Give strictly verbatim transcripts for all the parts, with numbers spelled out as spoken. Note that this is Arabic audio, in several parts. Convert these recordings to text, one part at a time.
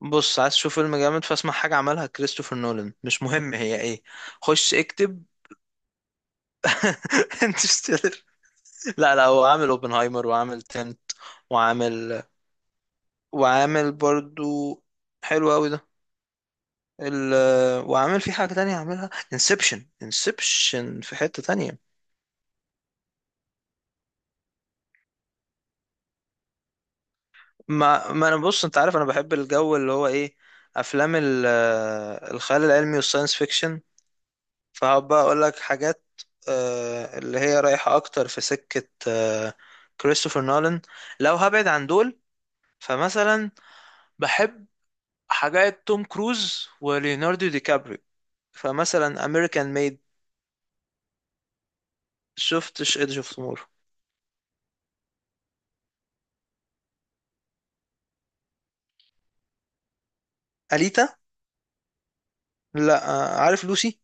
بص، عايز تشوف فيلم جامد؟ فاسمع حاجة عملها كريستوفر نولان، مش مهم هي ايه. خش اكتب. انترستيلر. لا، لا، هو عامل اوبنهايمر وعامل تنت. وعامل وعامل برضو. حلو قوي ده. ال... وعامل في حاجة تانية عاملها انسبشن. انسبشن في حتة تانية. ما ما انا، بص، انت عارف انا بحب الجو اللي هو ايه، افلام ال... الخيال العلمي والساينس فيكشن. فهبقى اقول لك حاجات آه، اللي هي رايحة اكتر في سكة آه، كريستوفر نولان. لو هبعد عن دول، فمثلا بحب حاجات توم كروز وليوناردو دي كابريو. فمثلا امريكان ميد. شفتش ايدج اوف تومورو؟ اليتا. لا. آه، عارف لوسي.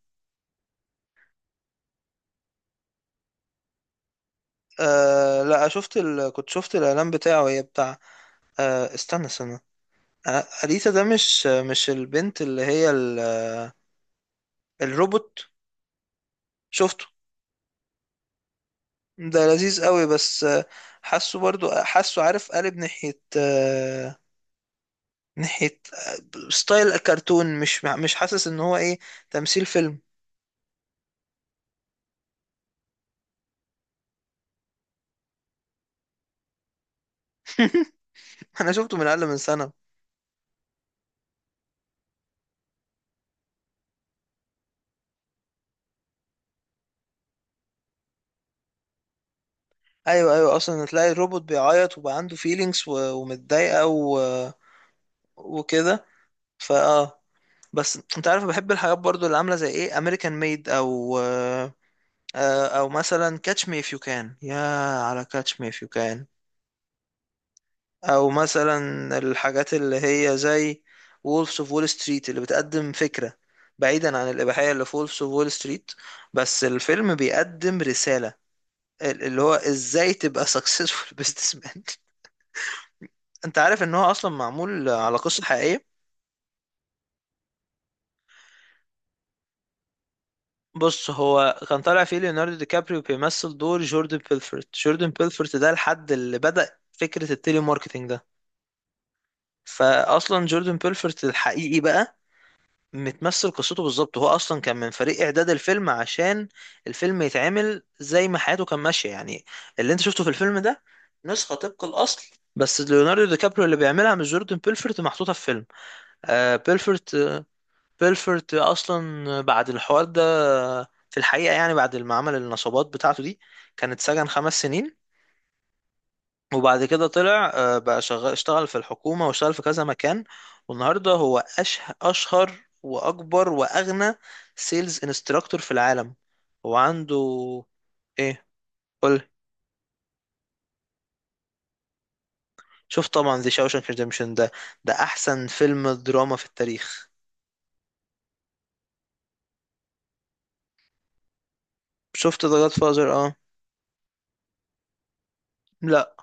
آه لا، شفت ال... كنت شفت الاعلان بتاعه، هي بتاع. آه استنى، استنى. آه، اليتا ده، مش مش البنت اللي هي ال... الروبوت. شفته. ده لذيذ قوي، بس آه، حاسه، برضو حاسه، عارف قالب ناحية آه، ناحية آه، ستايل كرتون. مش مش حاسس ان هو ايه، تمثيل فيلم. انا شفته من اقل من سنة. ايوه، ايوه، اصلا تلاقي الروبوت بيعيط وبقى عنده فيلينجز ومتضايقة و- وكده. فاه. بس انت عارف بحب الحاجات برضو اللي عاملة زي ايه امريكان ميد او آه، آه، او مثلا كاتش مي اف يو كان، يا، على كاتش مي اف يو كان. او مثلا الحاجات اللي هي زي وولفز اوف وول ستريت، اللي بتقدم فكرة، بعيدا عن الإباحية اللي في وولفز اوف وول ستريت. بس الفيلم بيقدم رسالة، ال- اللي هو ازاي تبقى سكسسفول بزنس مان. انت عارف ان هو اصلا معمول على قصة حقيقية؟ بص، هو كان طالع فيه ليوناردو دي كابريو بيمثل دور جوردن بيلفورت. جوردن بيلفورت ده الحد اللي بدأ فكرة التيلي ماركتينج ده. فاصلا جوردن بيلفورت الحقيقي بقى متمثل قصته بالظبط. هو اصلا كان من فريق اعداد الفيلم عشان الفيلم يتعمل زي ما حياته كان ماشيه يعني. اللي انت شفته في الفيلم ده نسخه طبق الاصل. بس ليوناردو دي كابريو اللي بيعملها مش جوردن بيلفورت محطوطه في فيلم. آه بيلفورت. بيلفورت اصلا بعد الحوار ده، في الحقيقه يعني، بعد ما عمل النصابات بتاعته دي، كان اتسجن خمس سنين. وبعد كده طلع، آه، بقى شغال، اشتغل في الحكومة واشتغل في كذا مكان. والنهاردة هو أشه... أشهر وأكبر وأغنى سيلز انستراكتور في العالم. هو عنده. إيه، قول. شوف، طبعا ذا شاوشانك ريديمشن ده ده أحسن فيلم دراما في التاريخ. شفت ذا جاد فازر. اه. لا.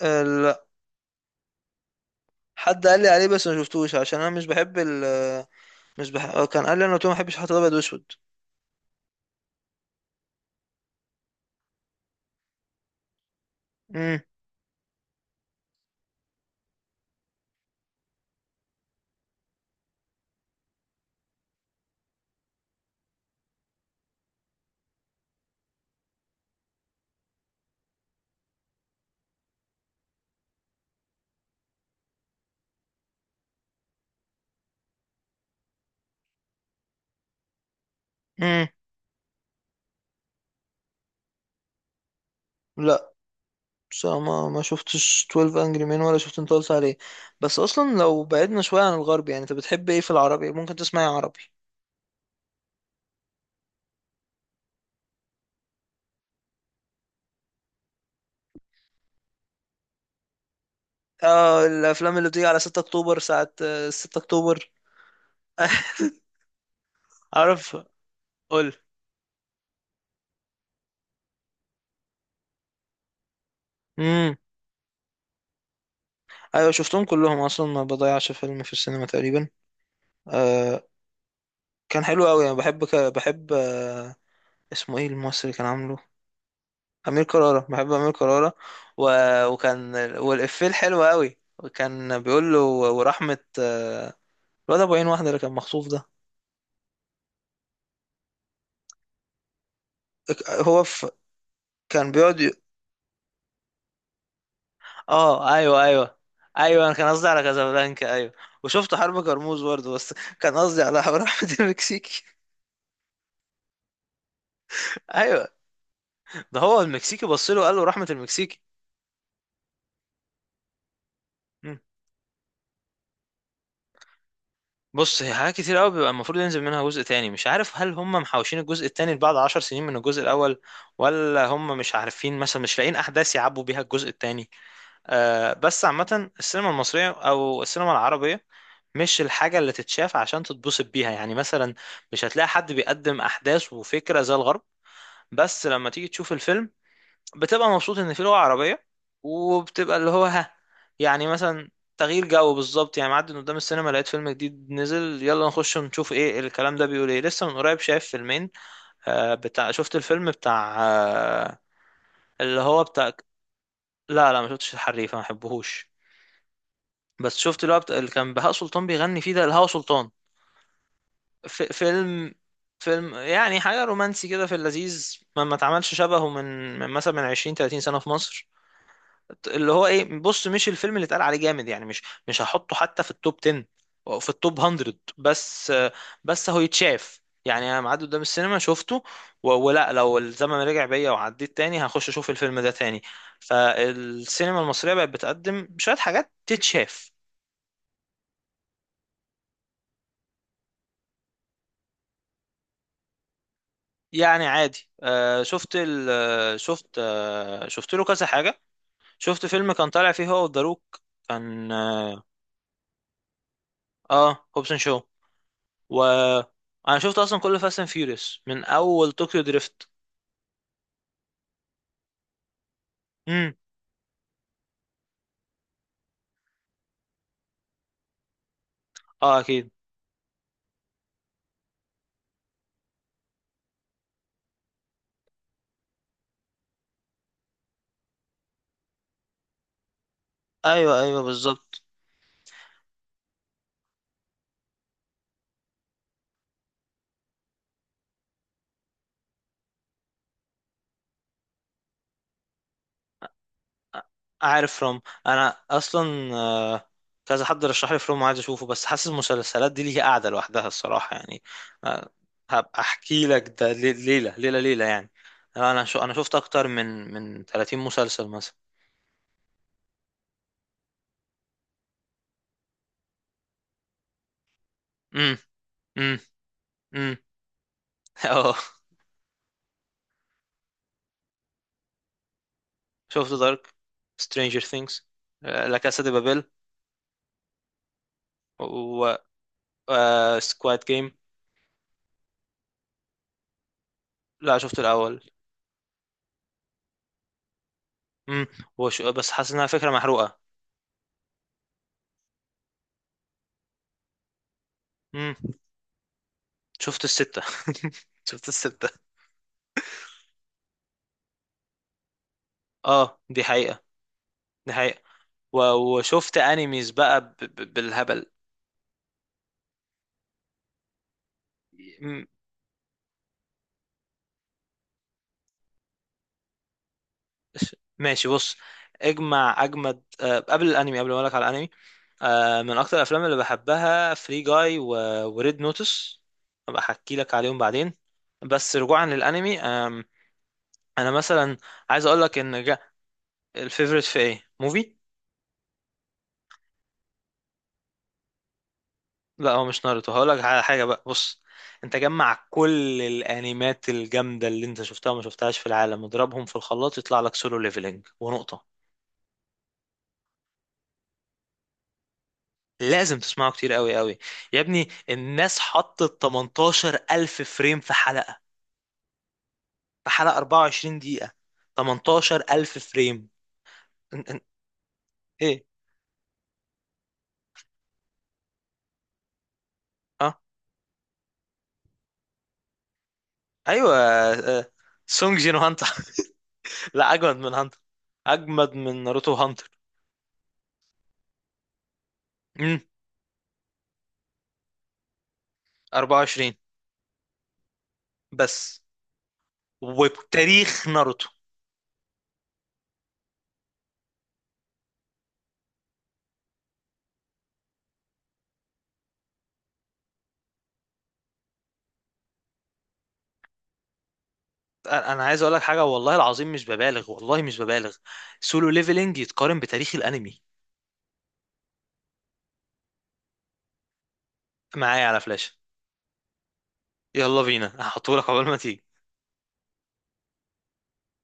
آه، لا، حد قال لي عليه بس ما شفتوش عشان انا مش بحب ال مش بح... آه، كان قال لي، انا قلت له ما بحبش الحاجات الابيض واسود. امم امم لا. بس ما ما شفتش اثنا عشر انجري مين ولا شفت انت قلت عليه. بس اصلا لو بعدنا شويه عن الغرب، يعني انت بتحب ايه في العربي؟ ممكن تسمعي عربي؟ اه. الافلام اللي بتيجي على 6 اكتوبر، ساعه آه، 6 اكتوبر. عارف، قول. امم ايوه، شفتهم كلهم، اصلا ما بضيعش فيلم في السينما تقريبا. آه كان حلو قوي. انا بحب ك... بحب آه اسمه ايه الممثل اللي كان عامله؟ امير كرارة. بحب امير كرارة. و... وكان والافيه الحلو قوي، وكان بيقول له ورحمه، آه، الواد ابو عين واحد اللي كان مخطوف ده. هو في، كان بيقعد ي... اه، ايوه، ايوه. ايوه، انا كان قصدي على كازابلانكا، ايوه. وشفت حرب كرموز برضه، بس كان قصدي على حرب رحمة المكسيكي. ايوه. ده هو المكسيكي، بص له وقال له، رحمة المكسيكي. مم. بص، هي حاجات كتير قوي بيبقى المفروض ينزل منها جزء تاني. مش عارف هل هم محوشين الجزء التاني بعد عشر سنين من الجزء الاول، ولا هم مش عارفين مثلا مش لاقيين احداث يعبوا بيها الجزء التاني. آه، بس عامة السينما المصرية أو السينما العربية مش الحاجة اللي تتشاف عشان تتبسط بيها، يعني مثلا مش هتلاقي حد بيقدم أحداث وفكرة زي الغرب. بس لما تيجي تشوف الفيلم بتبقى مبسوط إن في لغة عربية، وبتبقى اللي هو، ها، يعني مثلا، تغيير جو بالظبط. يعني معدي من قدام السينما لقيت فيلم جديد نزل، يلا نخش ونشوف ايه الكلام ده بيقول ايه. لسه من قريب شايف فيلمين، آه بتاع، شفت الفيلم بتاع آه اللي هو بتاع. لا، لا، ما شفتش الحريفة، ما بحبهوش. بس شفت اللي هو بت- اللي كان بهاء سلطان بيغني فيه، ده الهوا سلطان. ف... فيلم فيلم، يعني حاجة رومانسي كده، في اللذيذ، ما ما اتعملش شبهه من من مثلا من عشرين تلاتين سنة في مصر. اللي هو ايه، بص، مش الفيلم اللي اتقال عليه جامد، يعني مش مش هحطه حتى في التوب تن او في التوب هاندرد. بس بس هو يتشاف، يعني انا معدي قدام السينما شفته. و... ولا لو الزمن رجع بيا وعديت تاني هخش اشوف الفيلم ده تاني. فالسينما المصرية بقت بتقدم شوية حاجات تتشاف. يعني عادي. آه شفت ال آه، شفت آه شفت له كذا حاجة. شفت فيلم كان طالع فيه هو وداروك. كان اه, آه هوبسون شو. و، انا شفت اصلا كل فاست اند فيوريوس من اول طوكيو دريفت. امم اه، اكيد. ايوه، ايوه، بالظبط. عارف فروم. انا اصلا آه، كذا حد رشح لي فروم وعايز اشوفه، بس حاسس المسلسلات دي ليها قاعدة لوحدها الصراحة يعني. آه هبقى احكي لك ده لي- ليلة ليلة ليلة يعني. انا شو انا شفت اكتر من من ثلاثين مسلسل مثلا. امم امم اه، شفت دارك، سترينجر ثينجز. لا كاسا دي بابيل، و سكواد جيم. لا، شفت الاول. امم وش... بس حاسس انها فكره محروقه. امم شفت السته. شفت السته. اه، دي حقيقه، دي حقيقه. و... وشفت انيميز بقى ب... ب... بالهبل. مم. ماشي، بص. اجمع اجمد، آه، قبل الانمي، قبل ما اقول لك على الانمي، آه، من اكتر الافلام اللي بحبها فري جاي وريد نوتس. ابقى احكي لك عليهم بعدين. بس رجوعا للانمي، آم، انا مثلا، عايز اقول لك ان جا الفيفوريت في ايه موفي؟ لا، هو مش ناruto. هقول لك على حاجه بقى، بص. انت جمع كل الانيمات الجامده اللي انت شفتها وما شفتهاش في العالم، اضربهم في الخلاط يطلع لك سولو ليفلنج ونقطه. لازم تسمعه كتير قوي قوي. يا ابني، الناس حطت تمنتاشر الف فريم في حلقه. في حلقة اربعة وعشرين دقيقة، تمنتاشر الف فريم. إن- إن- ايه، اه، ايوه، آه. آه. سونج جين هانتر. لا، اجمد من هانتر، اجمد من ناروتو هانتر. امم اربعة وعشرين بس. وبتاريخ ناروتو، انا أنا عايز اقول لك حاجه، والله العظيم مش ببالغ، والله مش ببالغ. سولو ليفلينج يتقارن بتاريخ الانمي. معايا على فلاش. يلا بينا، هحطه لك قبل ما تيجي.